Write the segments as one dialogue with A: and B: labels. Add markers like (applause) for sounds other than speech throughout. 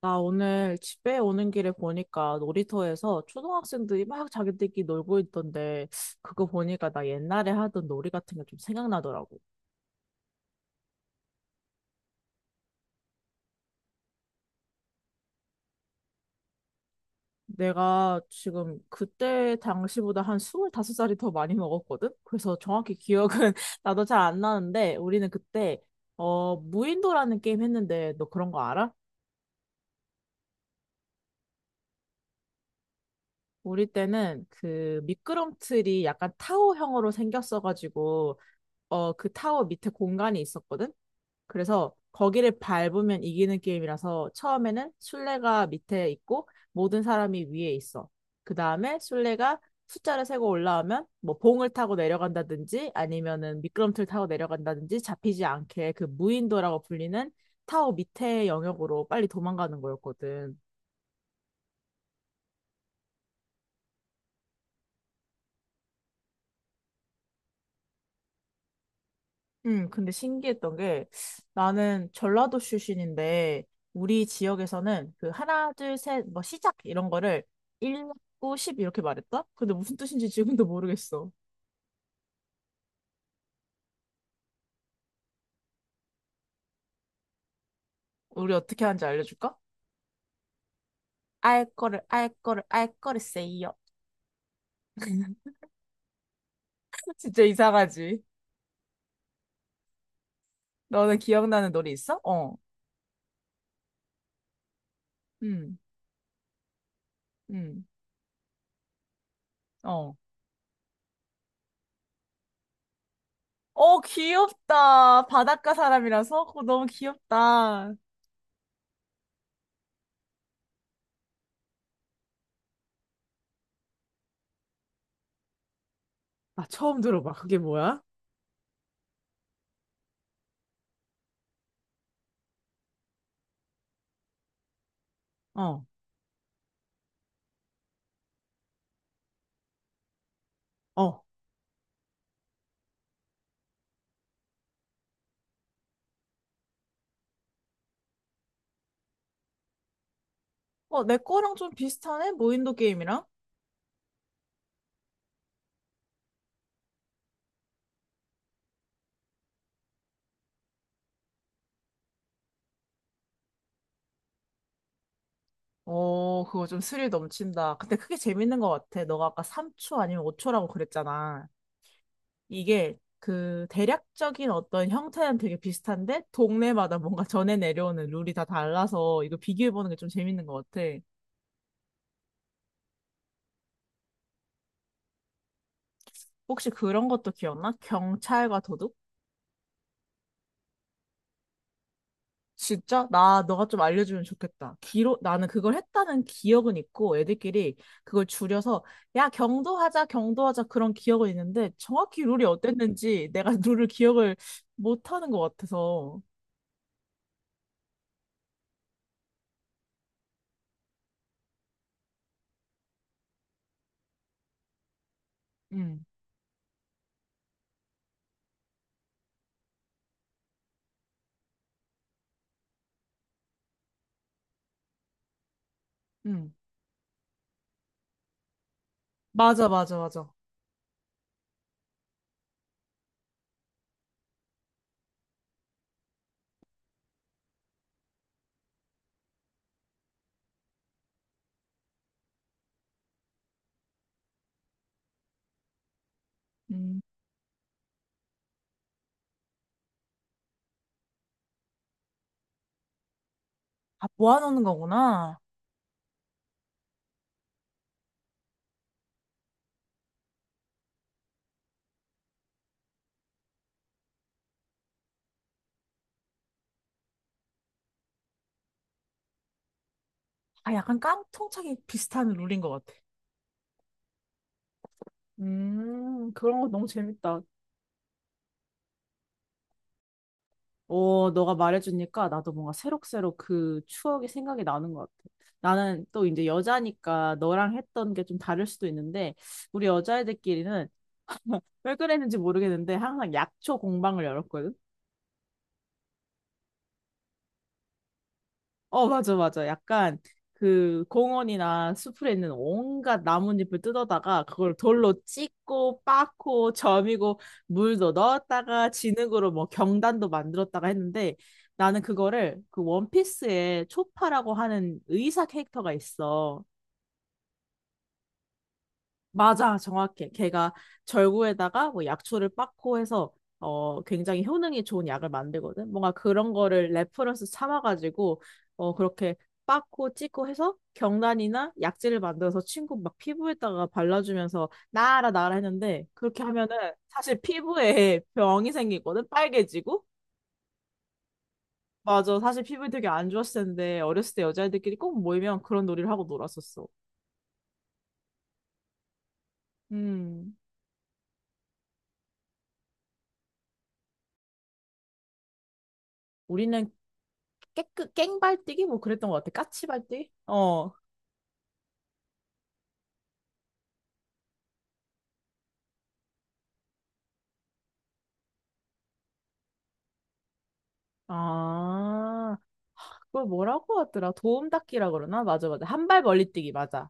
A: 나 오늘 집에 오는 길에 보니까 놀이터에서 초등학생들이 막 자기들끼리 놀고 있던데 그거 보니까 나 옛날에 하던 놀이 같은 게 좀 생각나더라고. 내가 지금 그때 당시보다 한 25살이 더 많이 먹었거든? 그래서 정확히 기억은 (laughs) 나도 잘 안 나는데 우리는 그때 무인도라는 게임 했는데 너 그런 거 알아? 우리 때는 그 미끄럼틀이 약간 타워형으로 생겼어가지고 그 타워 밑에 공간이 있었거든? 그래서 거기를 밟으면 이기는 게임이라서 처음에는 술래가 밑에 있고 모든 사람이 위에 있어. 그 다음에 술래가 숫자를 세고 올라오면 뭐 봉을 타고 내려간다든지 아니면은 미끄럼틀 타고 내려간다든지 잡히지 않게 그 무인도라고 불리는 타워 밑에 영역으로 빨리 도망가는 거였거든. 근데 신기했던 게 나는 전라도 출신인데 우리 지역에서는 그 하나, 둘, 셋, 뭐 시작 이런 거를 1, 9, 10 이렇게 말했다? 근데 무슨 뜻인지 지금도 모르겠어. 우리 어떻게 하는지 알려줄까? 알 거를, 알 거를, 알 거를 세요. (laughs) 진짜 이상하지? 너는 기억나는 노래 있어? 어. 음, 음, 어. 어, 귀엽다. 바닷가 사람이라서? 어, 너무 귀엽다. 아, 처음 들어봐. 그게 뭐야? 어. 어, 내 거랑 좀 비슷하네? 무인도 게임이랑? 어, 그거 좀 스릴 넘친다. 근데 그게 재밌는 것 같아. 너가 아까 3초 아니면 5초라고 그랬잖아. 이게 그 대략적인 어떤 형태는 되게 비슷한데 동네마다 뭔가 전해 내려오는 룰이 다 달라서 이거 비교해보는 게 좀 재밌는 것 같아. 혹시 그런 것도 기억나? 경찰과 도둑? 진짜? 나, 너가 좀 알려주면 좋겠다. 기록, 나는 그걸 했다는 기억은 있고, 애들끼리 그걸 줄여서, 야, 경도하자, 경도하자, 그런 기억은 있는데, 정확히 룰이 어땠는지 내가 (laughs) 룰을 기억을 못하는 것 같아서. 응, 응. 맞아, 맞아, 맞아. 음, 아, 모아놓는 거구나. 아, 약간 깡통차기 비슷한 룰인 것 같아. 그런 거 너무 재밌다. 너가 말해주니까 나도 뭔가 새록새록 그 추억이 생각이 나는 것 같아. 나는 또 이제 여자니까 너랑 했던 게 좀 다를 수도 있는데, 우리 여자애들끼리는 (laughs) 왜 그랬는지 모르겠는데, 항상 약초 공방을 열었거든? 어, 맞아, 맞아. 약간 그 공원이나 숲에 있는 온갖 나뭇잎을 뜯어다가 그걸 돌로 찢고 빻고 점이고 물도 넣었다가 진흙으로 뭐 경단도 만들었다가 했는데 나는 그거를 그 원피스에 초파라고 하는 의사 캐릭터가 있어. 맞아, 정확해. 걔가 절구에다가 뭐 약초를 빻고 해서 굉장히 효능이 좋은 약을 만들거든. 뭔가 그런 거를 레퍼런스 삼아가지고 그렇게 빻고 찢고 해서 경단이나 약재를 만들어서 친구 막 피부에다가 발라주면서 나아라 나아라 했는데 그렇게 하면은 사실 피부에 (laughs) 병이 생기거든. 빨개지고. 맞아. 사실 피부에 되게 안 좋았을 텐데 어렸을 때 여자애들끼리 꼭 모이면 그런 놀이를 하고 놀았었어. 음. 우리는 깨끗 깽발뛰기 뭐 그랬던 것 같아. 까치발뛰기? 어. 아, 그걸 뭐라고 하더라? 도움닫기라 그러나? 맞아, 맞아. 한 발 멀리 뛰기, 맞아.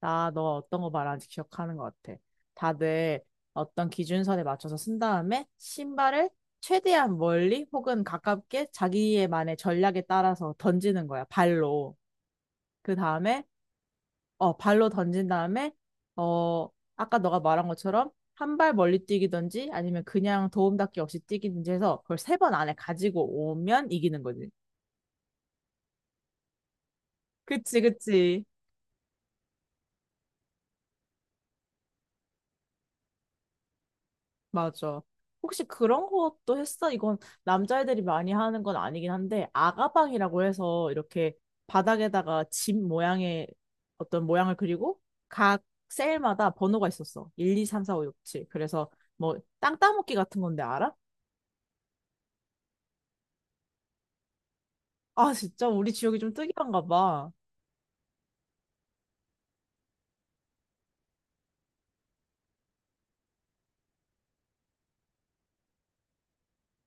A: 나 너 어떤 거 말하는지 기억하는 것 같아. 다들 어떤 기준선에 맞춰서 쓴 다음에 신발을 최대한 멀리 혹은 가깝게 자기의 만의 전략에 따라서 던지는 거야, 발로. 그 다음에 발로 던진 다음에, 어, 아까 너가 말한 것처럼 한 발 멀리 뛰기든지 아니면 그냥 도움닫기 없이 뛰기든지 해서 그걸 세 번 안에 가지고 오면 이기는 거지. 그치, 그치. 맞아. 혹시 그런 것도 했어? 이건 남자애들이 많이 하는 건 아니긴 한데, 아가방이라고 해서 이렇게 바닥에다가 집 모양의 어떤 모양을 그리고 각 셀마다 번호가 있었어. 1, 2, 3, 4, 5, 6, 7. 그래서 뭐, 땅 따먹기 같은 건데 알아? 아, 진짜 우리 지역이 좀 특이한가 봐.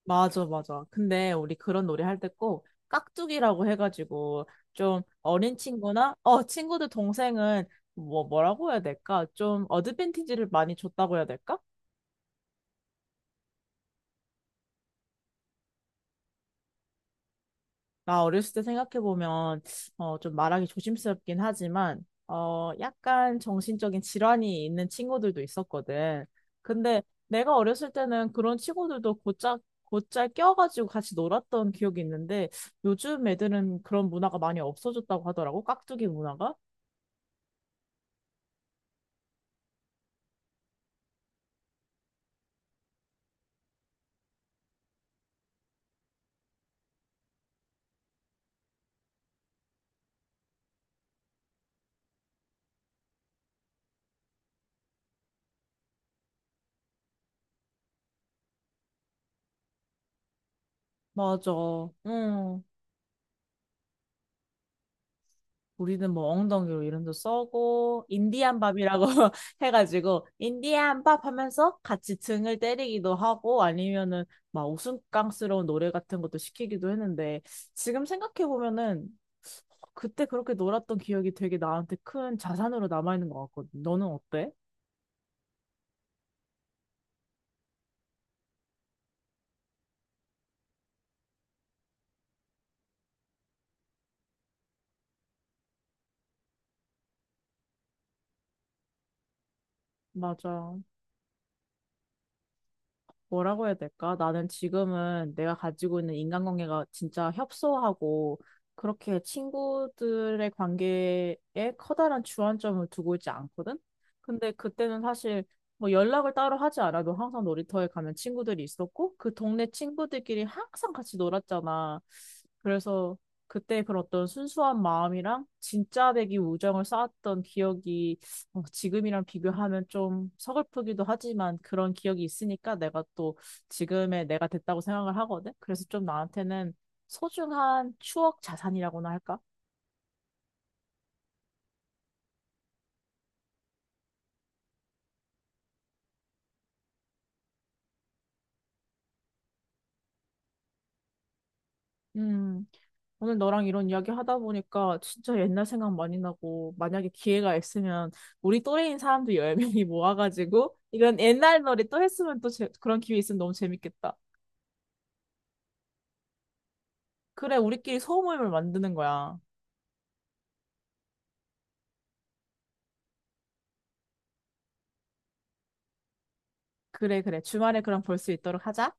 A: 맞아, 맞아. 근데 우리 그런 놀이 할 때 꼭 깍두기라고 해가지고 좀 어린 친구나 친구들 동생은 뭐 뭐라고 해야 될까? 좀 어드밴티지를 많이 줬다고 해야 될까? 나 어렸을 때 생각해보면, 좀 말하기 조심스럽긴 하지만, 약간 정신적인 질환이 있는 친구들도 있었거든. 근데 내가 어렸을 때는 그런 친구들도 곧잘, 곧잘 껴가지고 같이 놀았던 기억이 있는데, 요즘 애들은 그런 문화가 많이 없어졌다고 하더라고, 깍두기 문화가. 맞아. 응. 우리는 뭐 엉덩이로 이름도 써고 인디안 밥이라고 (laughs) 해가지고 인디안 밥 하면서 같이 등을 때리기도 하고 아니면은 막 우스꽝스러운 노래 같은 것도 시키기도 했는데 지금 생각해 보면은 그때 그렇게 놀았던 기억이 되게 나한테 큰 자산으로 남아있는 것 같거든. 너는 어때? 맞아. 뭐라고 해야 될까? 나는 지금은 내가 가지고 있는 인간관계가 진짜 협소하고 그렇게 친구들의 관계에 커다란 주안점을 두고 있지 않거든? 근데 그때는 사실 뭐 연락을 따로 하지 않아도 항상 놀이터에 가면 친구들이 있었고 그 동네 친구들끼리 항상 같이 놀았잖아. 그래서 그때 그런 어떤 순수한 마음이랑 진짜 되기 우정을 쌓았던 기억이 지금이랑 비교하면 좀 서글프기도 하지만 그런 기억이 있으니까 내가 또 지금의 내가 됐다고 생각을 하거든. 그래서 좀 나한테는 소중한 추억 자산이라고나 할까? 음, 오늘 너랑 이런 이야기 하다 보니까 진짜 옛날 생각 많이 나고 만약에 기회가 있으면 우리 또래인 사람들 10명이 (laughs) 모아가지고 이런 옛날 놀이 또 했으면 그런 기회 있으면 너무 재밌겠다. 그래, 우리끼리 소모임을 만드는 거야. 그래, 그래. 주말에 그럼 볼 수 있도록 하자.